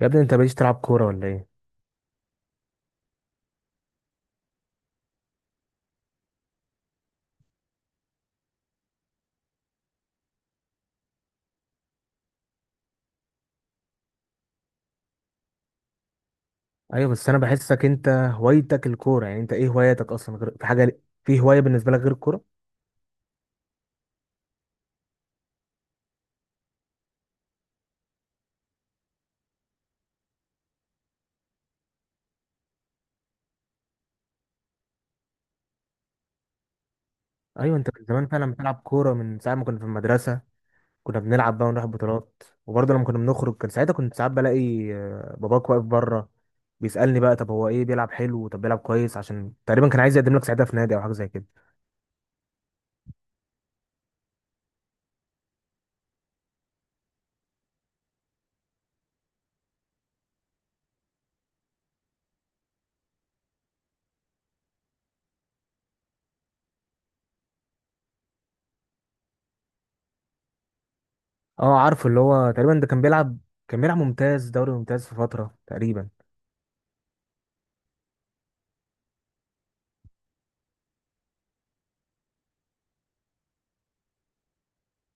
يا ابني انت ماليش تلعب كورة ولا ايه؟ ايوه بس انا بحسك انت هوايتك الكورة. يعني انت ايه هواياتك اصلا غير؟ في حاجة في هواية بالنسبة لك غير الكورة؟ ايوه انت من زمان فعلا بتلعب كورة من ساعة ما كنا في المدرسة. كنا بنلعب بقى ونروح بطولات، وبرضه لما كنا بنخرج كان ساعتها كنت ساعات بلاقي باباك واقف بره، بيسألني بقى طب هو ايه بيلعب حلو؟ طب بيلعب كويس؟ عشان تقريبا كان عايز يقدم لك ساعتها في نادي او حاجة زي كده. اه عارف، اللي هو تقريبا ده كان بيلعب ممتاز، دوري ممتاز في فترة تقريبا.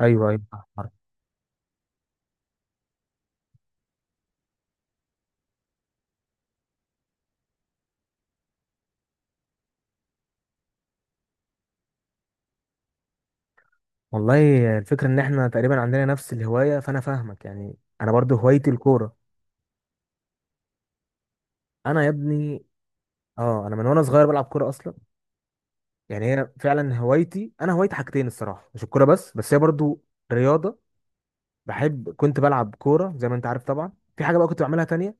ايوه ايوه. والله الفكرة ان احنا تقريبا عندنا نفس الهواية، فانا فاهمك. يعني انا برضو هوايتي الكورة. انا يا ابني، اه انا من وانا صغير بلعب كورة اصلا. يعني هي فعلا هوايتي، انا هوايتي حاجتين الصراحة، مش الكورة بس هي برضو رياضة. بحب، كنت بلعب كورة زي ما انت عارف طبعا. في حاجة بقى كنت بعملها تانية،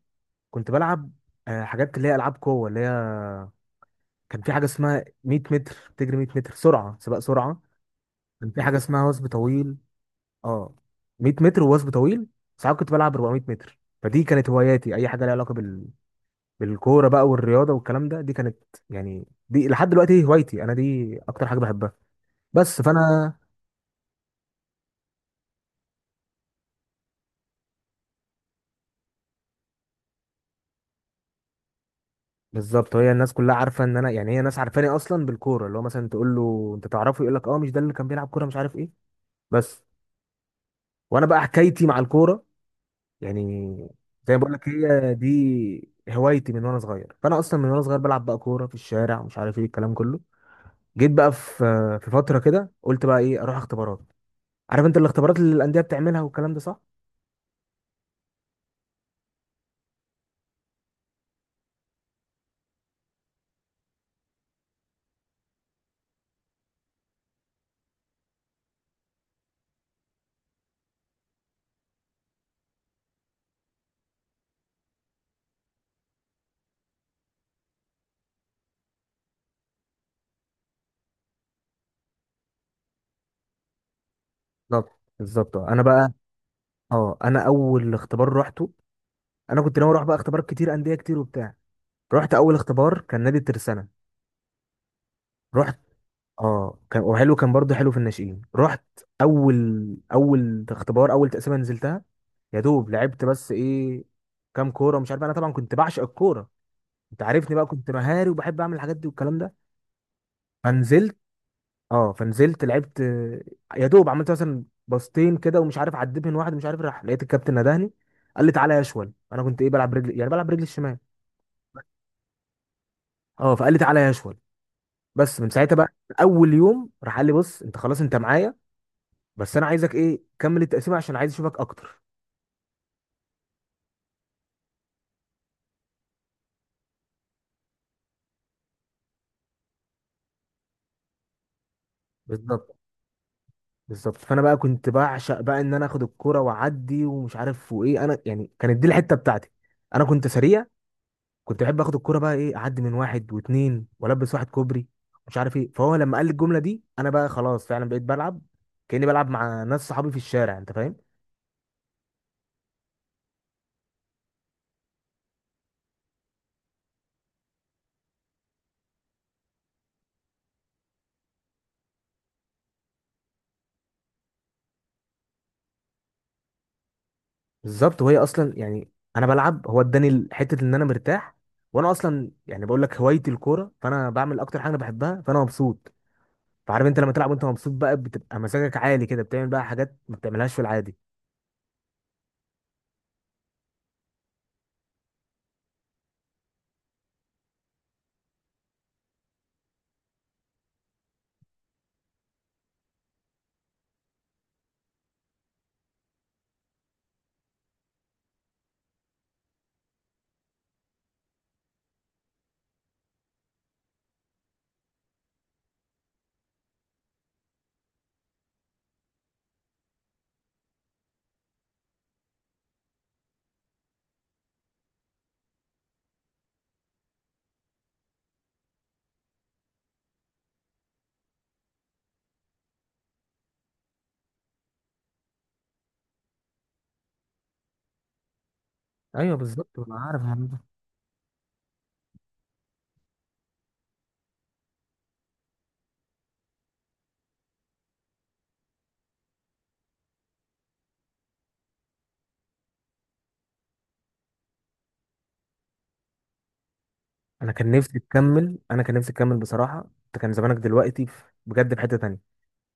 كنت بلعب حاجات اللي هي العاب قوة. اللي هي كان في حاجة اسمها 100 متر، بتجري 100 متر سرعة، سباق سرعة. كان في حاجة اسمها وثب طويل. اه، 100 متر ووثب طويل. ساعات كنت بلعب 400 متر. فدي كانت هواياتي، اي حاجه ليها علاقه بالكوره بقى والرياضه والكلام ده، دي كانت يعني دي لحد دلوقتي هوايتي، انا دي اكتر حاجه بحبها. بس فانا، بالظبط. هي الناس كلها عارفه ان انا، يعني هي ناس عارفاني اصلا بالكوره. اللي هو مثلا تقول له انت تعرفه، يقول لك اه مش ده اللي كان بيلعب كوره مش عارف ايه؟ بس. وانا بقى حكايتي مع الكوره، يعني زي ما بقول لك هي دي هوايتي من وانا صغير. فانا اصلا من وانا صغير بلعب بقى كوره في الشارع ومش عارف ايه، الكلام كله. جيت بقى في، في فتره كده قلت بقى ايه اروح اختبارات. عارف انت الاختبارات اللي الانديه بتعملها والكلام ده، صح؟ بالظبط بالظبط. انا بقى، اه انا اول اختبار روحته، انا كنت ناوي اروح بقى اختبارات كتير، انديه كتير وبتاع. رحت اول اختبار كان نادي الترسانه. رحت، اه كان وحلو، كان برضه حلو في الناشئين. رحت اول، اول اختبار اول تقسيمه نزلتها، يا دوب لعبت بس ايه كام كوره مش عارف. انا طبعا كنت بعشق الكوره، انت عارفني بقى كنت مهاري، وبحب اعمل الحاجات دي والكلام ده. فنزلت، اه فنزلت لعبت يا دوب عملت مثلا باصتين كده ومش عارف عديت من واحد مش عارف، راح لقيت الكابتن ندهني، قال لي تعالى يا اشول. انا كنت ايه بلعب رجلي، يعني بلعب رجلي الشمال. اه فقال لي تعالى يا اشول. بس من ساعتها بقى، اول يوم راح قال لي بص انت خلاص انت معايا، بس انا عايزك ايه كمل التقسيمه عشان عايز اشوفك اكتر. بالظبط بالظبط. فانا بقى كنت بعشق بقى ان انا اخد الكرة واعدي ومش عارف وايه، انا يعني كانت دي الحته بتاعتي. انا كنت سريع، كنت بحب اخد الكوره بقى ايه اعدي من واحد واتنين، والبس واحد كوبري مش عارف ايه. فهو لما قال لي الجمله دي انا بقى خلاص فعلا بقيت بلعب كاني بلعب مع ناس صحابي في الشارع، انت فاهم. بالظبط. وهي اصلا يعني انا بلعب هو اداني حته ان انا مرتاح. وانا اصلا يعني بقول لك هوايتي الكوره، فانا بعمل اكتر حاجه انا بحبها، فانا مبسوط. فعارف انت لما تلعب وانت مبسوط بقى بتبقى مزاجك عالي كده، بتعمل بقى حاجات ما بتعملهاش في العادي. ايوه بالظبط انا عارف يا عم. انا كان نفسي تكمل، انا كان نفسي تكمل بصراحه. انت كان زمانك دلوقتي بجد في حته تانية.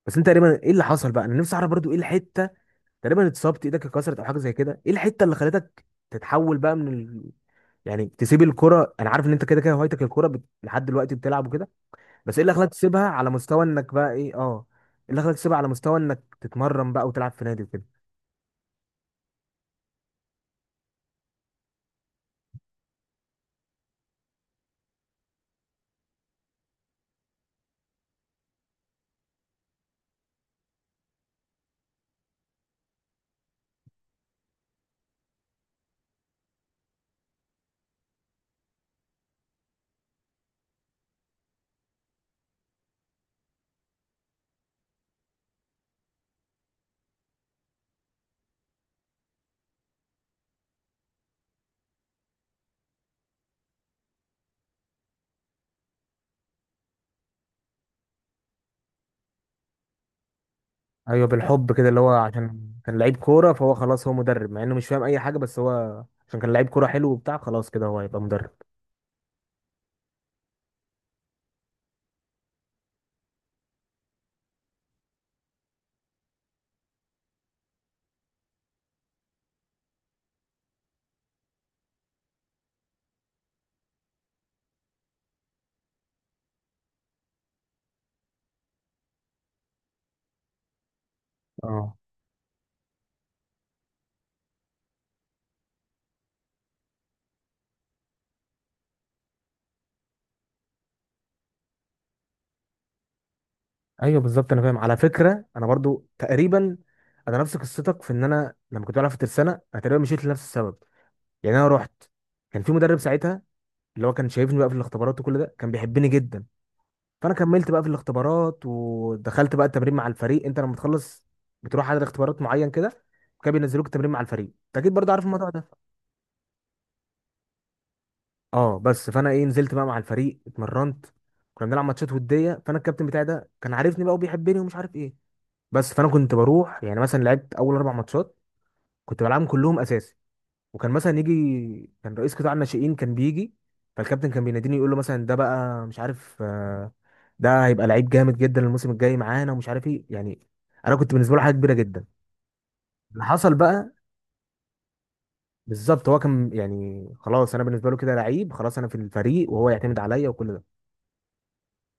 بس انت تقريبا ايه اللي حصل بقى؟ انا نفسي اعرف برضو ايه الحته. تقريبا اتصبت ايدك، اتكسرت او حاجه زي كده؟ ايه الحته اللي خلتك تتحول بقى من يعني تسيب الكره؟ انا عارف ان انت كده كده هوايتك الكره لحد دلوقتي بتلعب وكده، بس ايه اللي خلاك تسيبها على مستوى انك بقى ايه، اه ايه اللي خلاك تسيبها على مستوى انك تتمرن بقى وتلعب في نادي وكده؟ ايوه بالحب كده اللي هو عشان كان لعيب كوره فهو خلاص هو مدرب، مع انه مش فاهم اي حاجه، بس هو عشان كان لعيب كوره حلو وبتاع خلاص كده هو هيبقى مدرب. اه ايوه بالظبط انا فاهم. على فكره انا برضو تقريبا، انا نفس قصتك في ان انا لما كنت بلعب في الترسانه انا تقريبا مشيت لنفس السبب. يعني انا رحت، كان في مدرب ساعتها اللي هو كان شايفني بقى في الاختبارات وكل ده، كان بيحبني جدا. فانا كملت بقى في الاختبارات ودخلت بقى التمرين مع الفريق. انت لما تخلص بتروح على اختبارات معين كده، كانوا بينزلوك التمرين مع الفريق، انت اكيد برضو عارف الموضوع ده. اه بس فانا ايه نزلت بقى مع الفريق، اتمرنت، كنا بنلعب ماتشات وديه. فانا الكابتن بتاعي ده كان عارفني بقى وبيحبني ومش عارف ايه. بس فانا كنت بروح يعني مثلا لعبت اول اربع ماتشات، كنت بلعبهم كلهم اساسي. وكان مثلا يجي كان رئيس قطاع الناشئين كان بيجي، فالكابتن كان بيناديني يقول له مثلا ده بقى مش عارف، ده هيبقى لعيب جامد جدا الموسم الجاي معانا ومش عارف ايه، يعني انا كنت بالنسبه له حاجه كبيره جدا. اللي حصل بقى، بالظبط هو كان يعني خلاص انا بالنسبه له كده لعيب خلاص، انا في الفريق وهو يعتمد عليا وكل ده.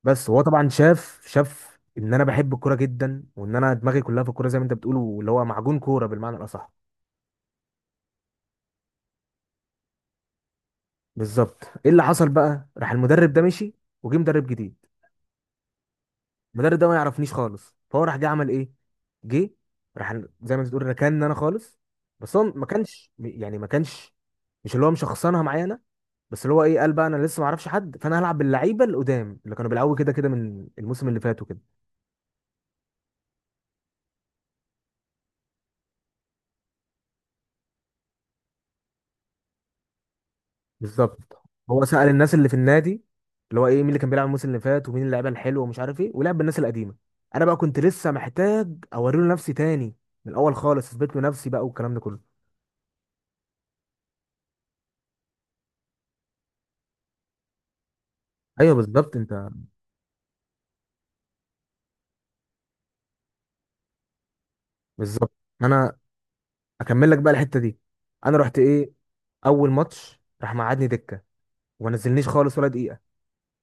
بس هو طبعا شاف ان انا بحب الكوره جدا، وان انا دماغي كلها في الكوره زي ما انت بتقول، واللي هو معجون كوره بالمعنى الاصح. بالظبط. ايه اللي حصل بقى؟ راح المدرب ده مشي، وجه مدرب جديد. المدرب ده ما يعرفنيش خالص. فهو راح جه عمل ايه، جه راح زي ما انت بتقول ركان انا خالص. بس هو ما كانش يعني ما كانش مش اللي هو مشخصنها معايا انا، بس اللي هو ايه قال بقى انا لسه ما اعرفش حد فانا هلعب باللعيبه القدام اللي كانوا بيلعبوا كده كده من الموسم اللي فات وكده. بالظبط. هو سأل الناس اللي في النادي، اللي هو ايه مين اللي كان بيلعب الموسم اللي فات ومين اللعيبه الحلوه ومش عارف ايه، ولعب بالناس القديمه. انا بقى كنت لسه محتاج اوري له نفسي تاني، من الاول خالص اثبت له نفسي بقى والكلام ده كله. ايوه بالظبط انت، بالظبط. انا اكمل لك بقى الحته دي. انا رحت ايه اول ماتش راح مقعدني دكه، وما نزلنيش خالص ولا دقيقه.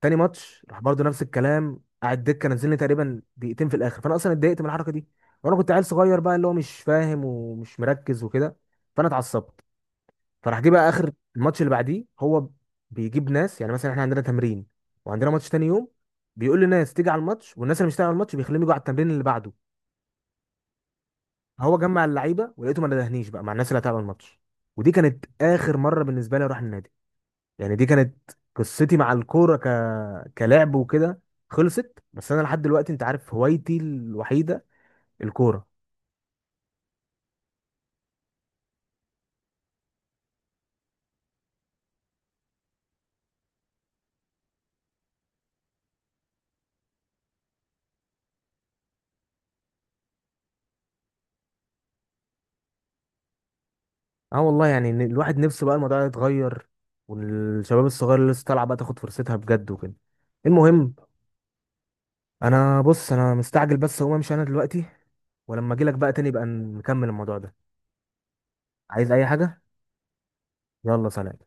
تاني ماتش راح برضه نفس الكلام، قعد دكه نزلني تقريبا دقيقتين في الاخر، فانا اصلا اتضايقت من الحركه دي. وانا كنت عيل صغير بقى اللي هو مش فاهم ومش مركز وكده، فانا اتعصبت. فراح جه بقى اخر الماتش اللي بعديه هو بيجيب ناس، يعني مثلا احنا عندنا تمرين وعندنا ماتش تاني يوم، بيقول للناس تيجي على الماتش، والناس اللي مش هتيجي على الماتش بيخليهم يجوا على التمرين اللي بعده. هو جمع اللعيبه ولقيته ما ندهنيش بقى مع الناس اللي هتلعب الماتش. ودي كانت اخر مره بالنسبه لي اروح النادي. يعني دي كانت قصتي مع الكوره كلعب وكده، خلصت. بس انا لحد دلوقتي انت عارف هوايتي الوحيده الكوره. اه والله يعني إن الواحد نفسه بقى الموضوع ده يتغير، والشباب الصغير اللي لسه طالعه بقى تاخد فرصتها بجد وكده. المهم انا، بص انا مستعجل بس، هقوم امشي انا دلوقتي، ولما اجي لك بقى تاني بقى نكمل الموضوع ده. عايز اي حاجة؟ يلا سلام.